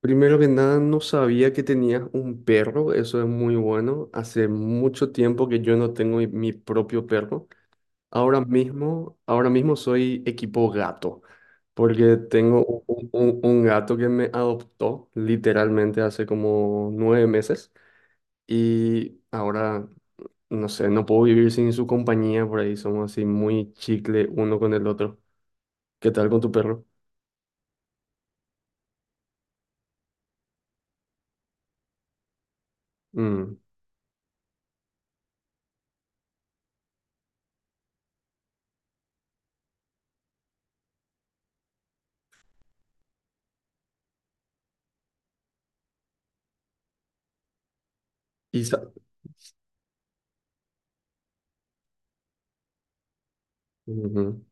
Primero que nada, no sabía que tenías un perro, eso es muy bueno. Hace mucho tiempo que yo no tengo mi propio perro. Ahora mismo soy equipo gato, porque tengo un gato que me adoptó literalmente hace como 9 meses y ahora, no sé, no puedo vivir sin su compañía, por ahí somos así muy chicle uno con el otro. ¿Qué tal con tu perro? Mm. Y sa- Ujú.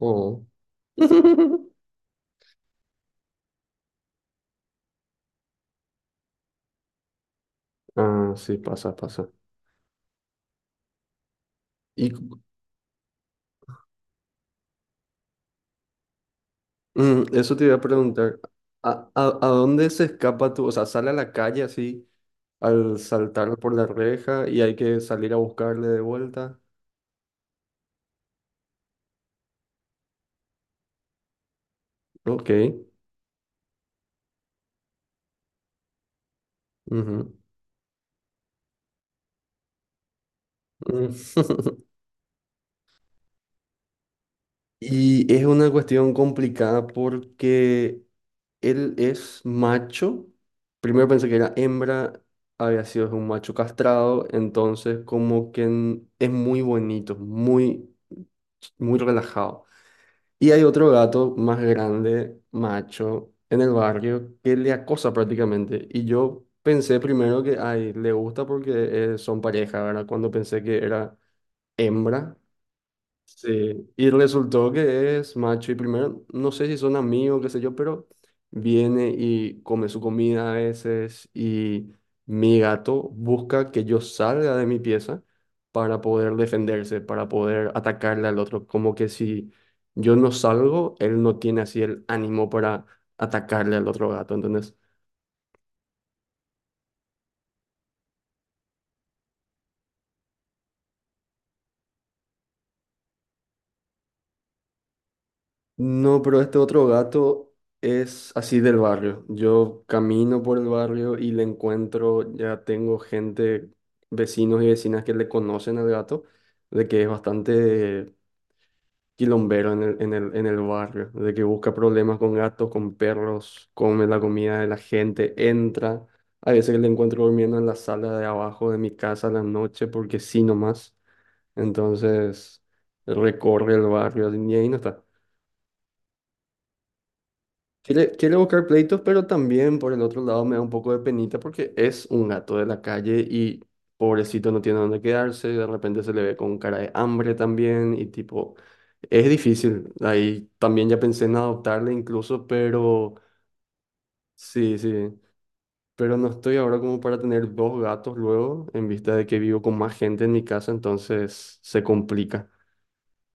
Oh. Ah, sí, pasa, pasa. Y eso te iba a preguntar, ¿a dónde se escapa tú? O sea, sale a la calle así al saltar por la reja y hay que salir a buscarle de vuelta. Ok. Ujú, mm. Y es una cuestión complicada porque él es macho. Primero pensé que era hembra, había sido un macho castrado, entonces como que es muy bonito, muy, muy relajado. Y hay otro gato más grande, macho, en el barrio que le acosa prácticamente. Y yo pensé primero que, ay, le gusta porque son pareja, ¿verdad? Cuando pensé que era hembra. Sí, y resultó que es macho y primero, no sé si son amigos, qué sé yo, pero viene y come su comida a veces y mi gato busca que yo salga de mi pieza para poder defenderse, para poder atacarle al otro, como que si yo no salgo, él no tiene así el ánimo para atacarle al otro gato, entonces... No, pero este otro gato es así del barrio. Yo camino por el barrio y le encuentro, ya tengo gente, vecinos y vecinas que le conocen al gato, de que es bastante quilombero en el barrio, de que busca problemas con gatos, con perros, come la comida de la gente, entra. A veces le encuentro durmiendo en la sala de abajo de mi casa a la noche porque sí nomás. Entonces recorre el barrio y ahí no está. Quiere buscar pleitos, pero también por el otro lado me da un poco de penita porque es un gato de la calle y pobrecito no tiene dónde quedarse, de repente se le ve con cara de hambre también y tipo, es difícil. Ahí también ya pensé en adoptarle incluso, pero sí, sí, pero no estoy ahora como para tener 2 gatos luego en vista de que vivo con más gente en mi casa, entonces se complica.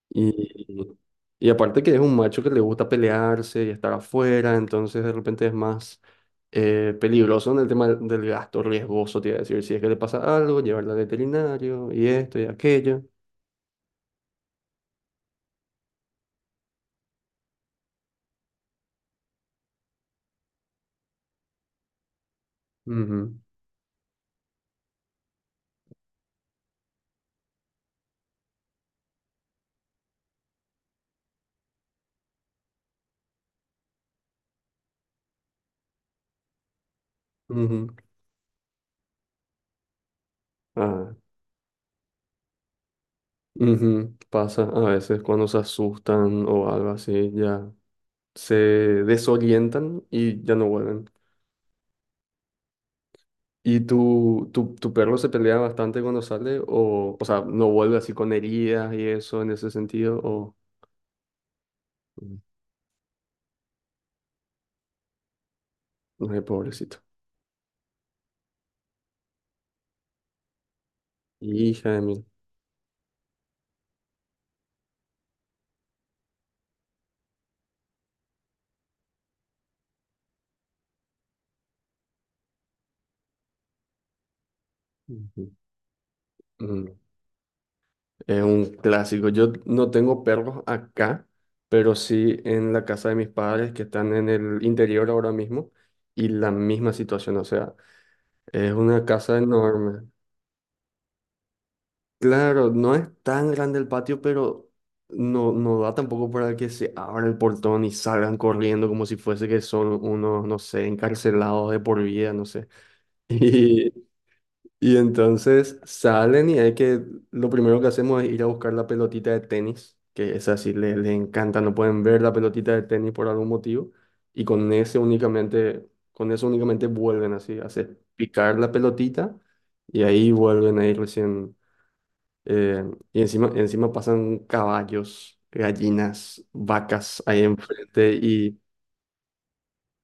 Y y aparte que es un macho que le gusta pelearse y estar afuera, entonces de repente es más peligroso en el tema del gasto, riesgoso, te iba a decir, si es que le pasa algo, llevarla al veterinario y esto y aquello. Ujú, ujú. Ah, ujú. Pasa a veces cuando se asustan o algo así, ya se desorientan y ya no vuelven. ¿Y tu perro se pelea bastante cuando sale? O sea, ¿no vuelve así con heridas y eso en ese sentido? O... Mm. Ay, pobrecito. Hija de mí. Ujú. Mm. Es un clásico. Yo no tengo perros acá, pero sí en la casa de mis padres que están en el interior ahora mismo y la misma situación. O sea, es una casa enorme. Claro, no es tan grande el patio, pero no, no da tampoco para que se abra el portón y salgan corriendo como si fuese que son unos, no sé, encarcelados de por vida, no sé. Y entonces salen y hay que, lo primero que hacemos es ir a buscar la pelotita de tenis, que esa sí le encanta, no pueden ver la pelotita de tenis por algún motivo, y con ese únicamente, con eso únicamente vuelven así, hacer picar la pelotita y ahí vuelven ahí recién, eh, y encima, encima pasan caballos, gallinas, vacas ahí enfrente y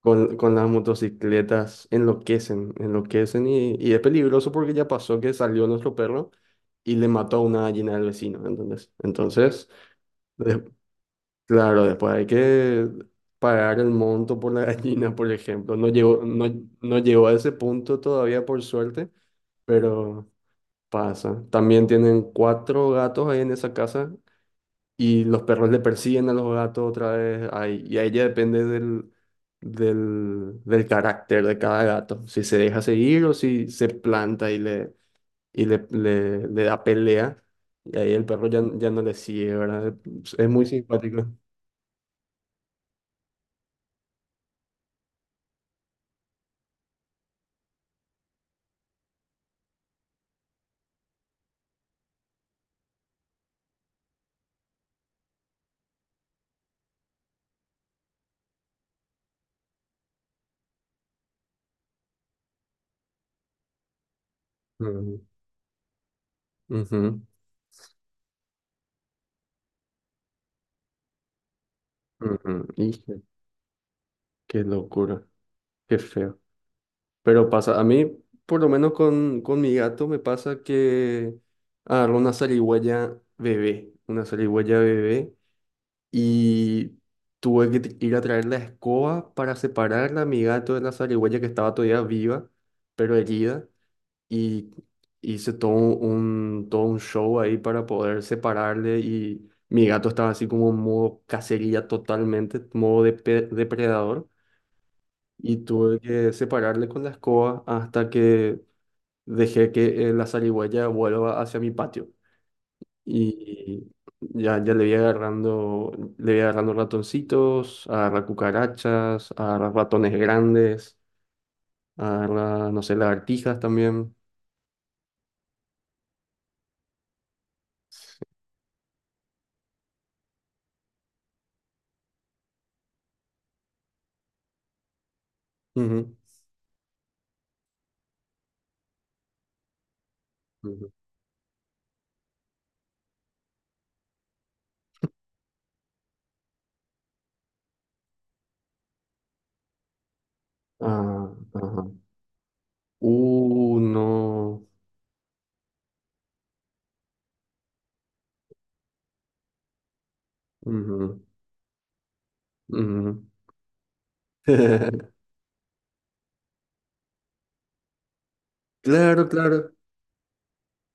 con las motocicletas enloquecen, enloquecen y es peligroso porque ya pasó que salió nuestro perro y le mató a una gallina del vecino, ¿entendés? Entonces, de- claro, después hay que pagar el monto por la gallina, por ejemplo. No llegó, no, no llegó a ese punto todavía, por suerte, pero pasa. También tienen 4 gatos ahí en esa casa y los perros le persiguen a los gatos otra vez. Ahí, y a ella depende del carácter de cada gato. Si se deja seguir o si se planta y le, y le da pelea. Y ahí el perro ya, ya no le sigue, ¿verdad? Es muy simpático. Ujú, ujú, ujú. Hijo, qué locura, qué feo. Pero pasa, a mí, por lo menos con mi gato, me pasa que agarró una zarigüeya bebé y tuve que ir a traer la escoba para separarla a mi gato de la zarigüeya que estaba todavía viva, pero herida. Y hice todo un show ahí para poder separarle y mi gato estaba así como en modo cacería totalmente, modo depredador. Y tuve que separarle con la escoba hasta que dejé que la zarigüeya vuelva hacia mi patio. Y ya le voy agarrando ratoncitos, agarrar cucarachas, agarrar ratones grandes, agarrar, no sé, lagartijas también. Ujú, ujú. Ah, ajá. No. Ujú, ujú. Claro, claro.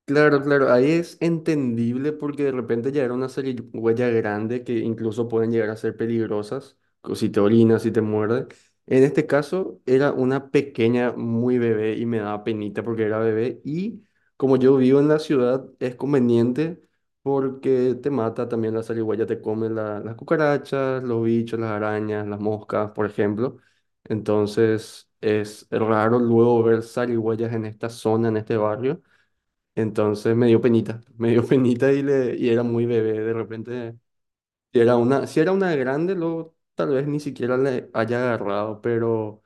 Claro, claro, ahí es entendible porque de repente ya era una huella grande que incluso pueden llegar a ser peligrosas, si te orina, si te muerde. En este caso era una pequeña, muy bebé y me daba penita porque era bebé y como yo vivo en la ciudad es conveniente porque te mata también la zarigüeya, te come las cucarachas, los bichos, las arañas, las moscas, por ejemplo. Entonces es raro luego ver zarigüeyas en esta zona, en este barrio. Entonces me dio penita, me dio penita y, le, y era muy bebé. De repente, si era una, si era una grande, luego tal vez ni siquiera le haya agarrado, pero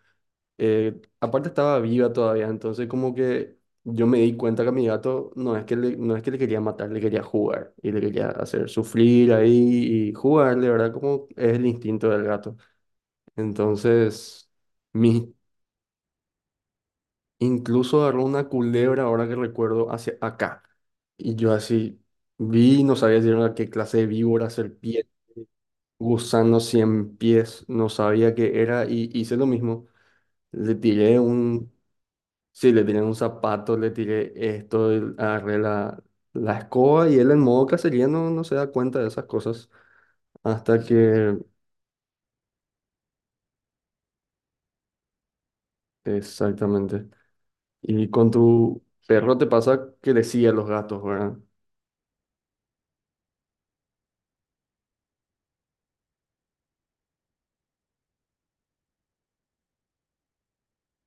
aparte estaba viva todavía, entonces como que yo me di cuenta que a mi gato no es que le, no es que le quería matar, le quería jugar y le quería hacer sufrir ahí y jugarle, ¿verdad? Como es el instinto del gato. Entonces, mis... Incluso agarró una culebra, ahora que recuerdo, hacia acá. Y yo así vi, no sabía si era qué clase de víbora, serpiente, gusano 100 pies, no sabía qué era y hice lo mismo. Le tiré un, sí, le tiré un zapato, le tiré esto, agarré la, la escoba y él en modo cacería no, no se da cuenta de esas cosas hasta que, exactamente. Y con tu perro te pasa que le sigue a los gatos, ¿verdad?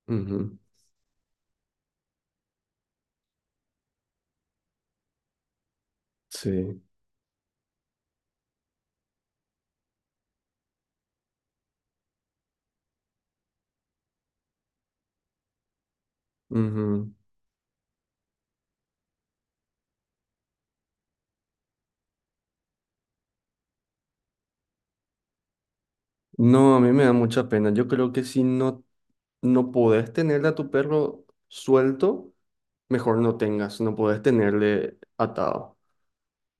Ujú. Sí. Ujú. No, a mí me da mucha pena. Yo creo que si no, no podés tenerle a tu perro suelto, mejor no tengas, no podés tenerle atado.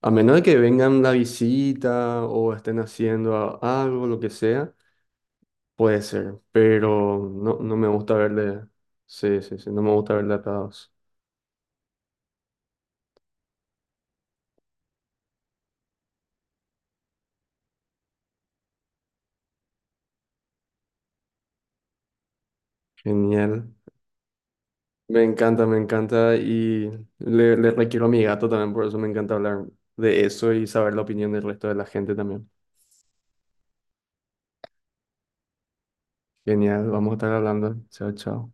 A menos de que vengan la visita o estén haciendo algo, lo que sea, puede ser, pero no, no me gusta verle, sí, sí, sí, no me gusta verle atados. Genial. Me encanta y le requiero a mi gato también, por eso me encanta hablar de eso y saber la opinión del resto de la gente también. Genial, vamos a estar hablando. Chao, chao.